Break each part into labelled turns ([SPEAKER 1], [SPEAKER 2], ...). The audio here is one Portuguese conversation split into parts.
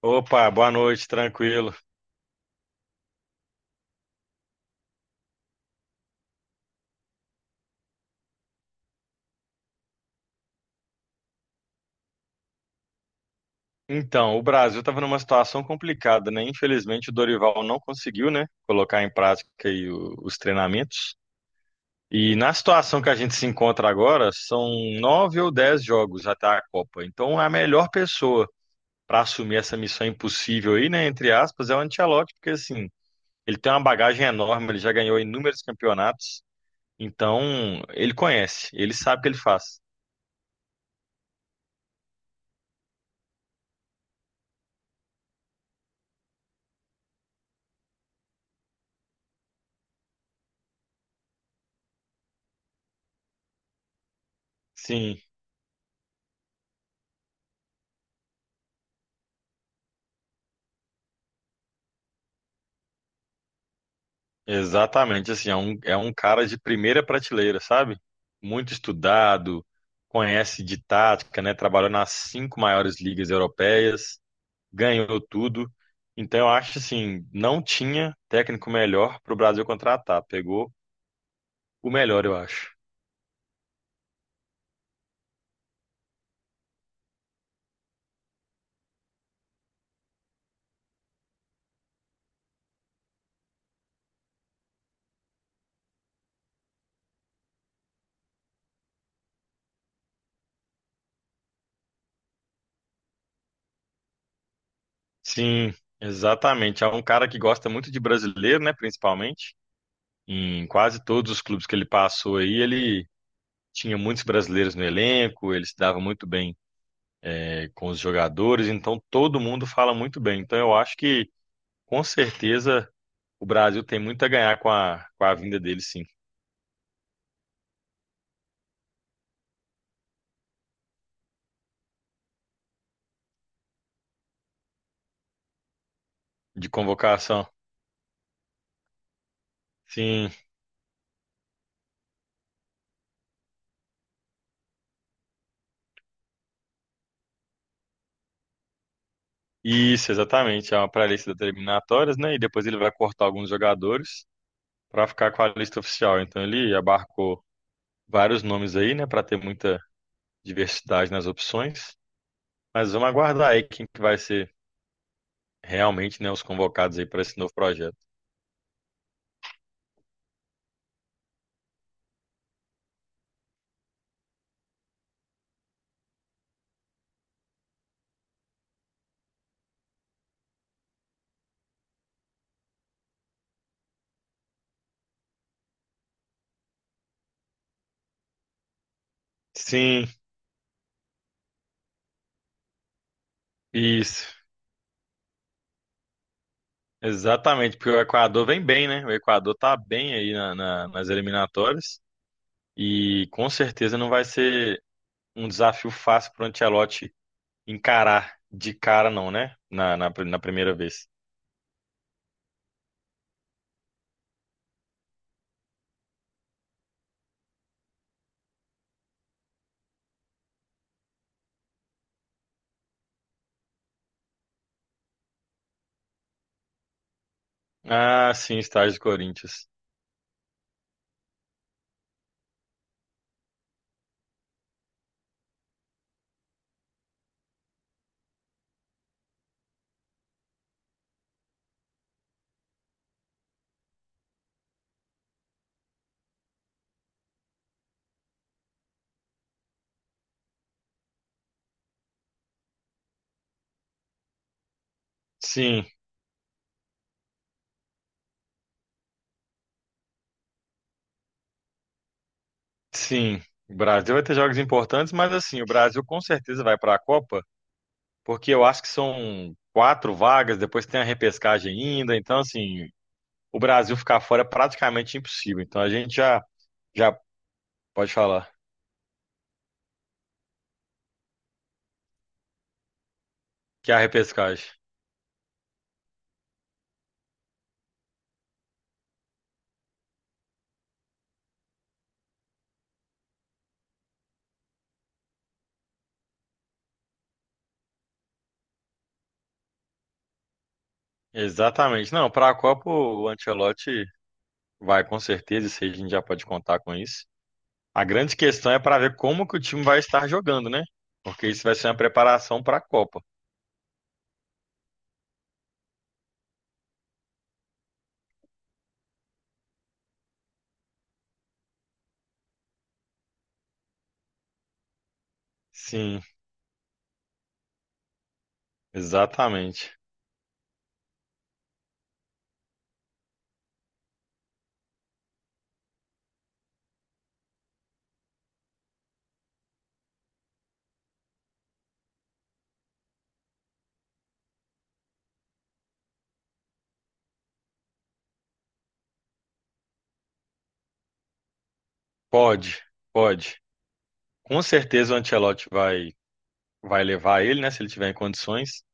[SPEAKER 1] Opa, boa noite, tranquilo. Então, o Brasil estava numa situação complicada, né? Infelizmente, o Dorival não conseguiu, né, colocar em prática aí o- os treinamentos. E na situação que a gente se encontra agora, são nove ou 10 jogos até a Copa. Então, a melhor pessoa para assumir essa missão impossível aí, né, entre aspas, é o Ancelotti, porque assim, ele tem uma bagagem enorme, ele já ganhou inúmeros campeonatos. Então, ele conhece, ele sabe o que ele faz. Sim. Exatamente, assim, é um cara de primeira prateleira, sabe? Muito estudado, conhece de tática, né? Trabalhou nas cinco maiores ligas europeias, ganhou tudo. Então, eu acho assim, não tinha técnico melhor para o Brasil contratar. Pegou o melhor, eu acho. Sim, exatamente. É um cara que gosta muito de brasileiro, né? Principalmente. Em quase todos os clubes que ele passou aí, ele tinha muitos brasileiros no elenco, ele se dava muito bem com os jogadores, então todo mundo fala muito bem. Então eu acho que com certeza o Brasil tem muito a ganhar com a vinda dele, sim, de convocação. Sim, isso, exatamente. É uma pré-lista das eliminatórias, né? E depois ele vai cortar alguns jogadores para ficar com a lista oficial. Então ele abarcou vários nomes aí, né, para ter muita diversidade nas opções. Mas vamos aguardar aí quem que vai ser realmente, né, os convocados aí para esse novo projeto. Sim, isso. Exatamente, porque o Equador vem bem, né? O Equador tá bem aí nas eliminatórias e com certeza não vai ser um desafio fácil para o Ancelotti encarar de cara, não, né? Na primeira vez. Ah, sim, estágio do Corinthians. Sim, sim. O Brasil vai ter jogos importantes, mas assim, o Brasil com certeza vai para a Copa, porque eu acho que são quatro vagas, depois tem a repescagem ainda, então assim, o Brasil ficar fora é praticamente impossível. Então a gente já, já pode falar. Que é a repescagem. Exatamente. Não, para a Copa o Ancelotti vai com certeza, isso aí a gente já pode contar com isso. A grande questão é para ver como que o time vai estar jogando, né? Porque isso vai ser uma preparação para a Copa. Sim, exatamente. Pode, pode. Com certeza o Ancelotti vai levar ele, né, se ele tiver em condições,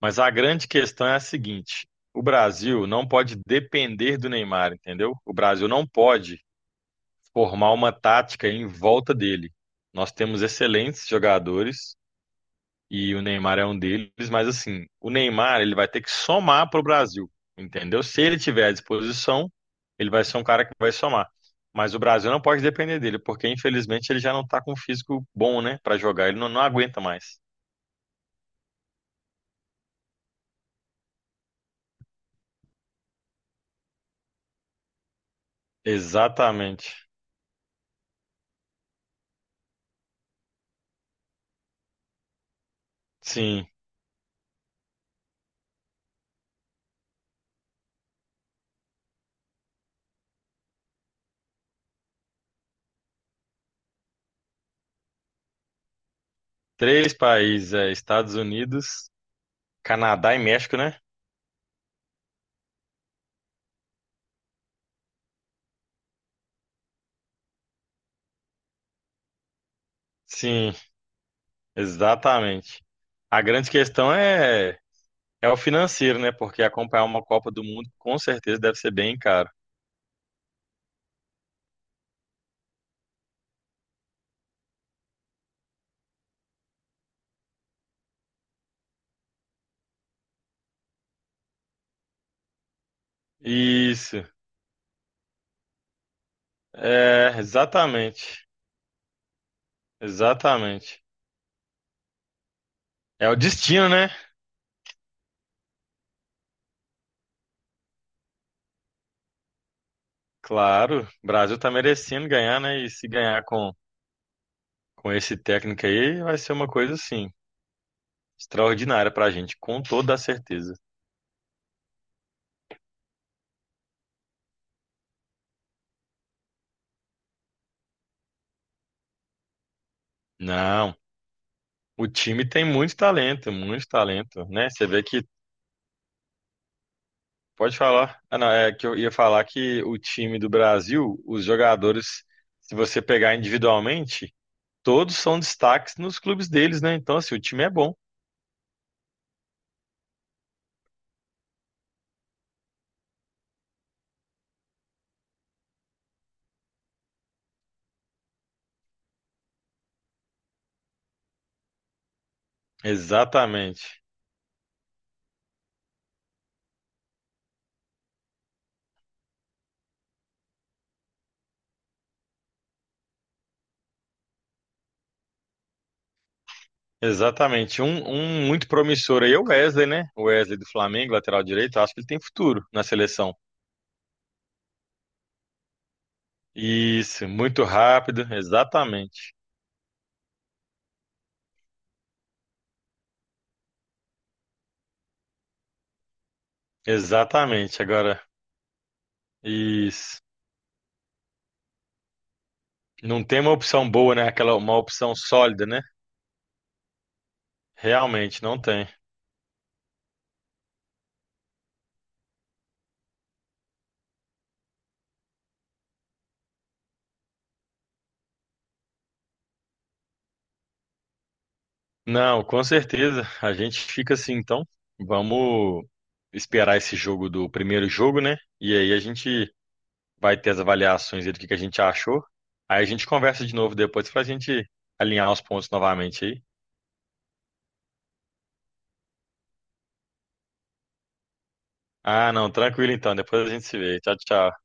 [SPEAKER 1] mas a grande questão é a seguinte: o Brasil não pode depender do Neymar, entendeu? O Brasil não pode formar uma tática em volta dele. Nós temos excelentes jogadores e o Neymar é um deles, mas assim, o Neymar ele vai ter que somar para o Brasil, entendeu? Se ele tiver à disposição, ele vai ser um cara que vai somar. Mas o Brasil não pode depender dele, porque infelizmente ele já não está com um físico bom, né, para jogar. Ele não, não aguenta mais. Exatamente. Sim. Três países, é, Estados Unidos, Canadá e México, né? Sim, exatamente. A grande questão é é o financeiro, né? Porque acompanhar uma Copa do Mundo com certeza deve ser bem caro. Isso. É, exatamente. Exatamente. É o destino, né? Claro, o Brasil tá merecendo ganhar, né? E se ganhar com esse técnico aí, vai ser uma coisa assim, extraordinária pra gente, com toda a certeza. Não, o time tem muito talento, né? Você vê que pode falar. Ah, não, é que eu ia falar que o time do Brasil, os jogadores, se você pegar individualmente, todos são destaques nos clubes deles, né? Então, assim, o time é bom. Exatamente. Exatamente. Um muito promissor aí é o Wesley, né? O Wesley do Flamengo, lateral direito, acho que ele tem futuro na seleção. Isso, muito rápido, exatamente. Exatamente. Agora, isso. Não tem uma opção boa, né? Aquela, uma opção sólida, né? Realmente, não tem. Não, com certeza. A gente fica assim, então. Vamos esperar esse jogo do primeiro jogo, né? E aí a gente vai ter as avaliações dele, o que que a gente achou. Aí a gente conversa de novo depois pra gente alinhar os pontos novamente aí. Ah, não, tranquilo então, depois a gente se vê. Tchau, tchau.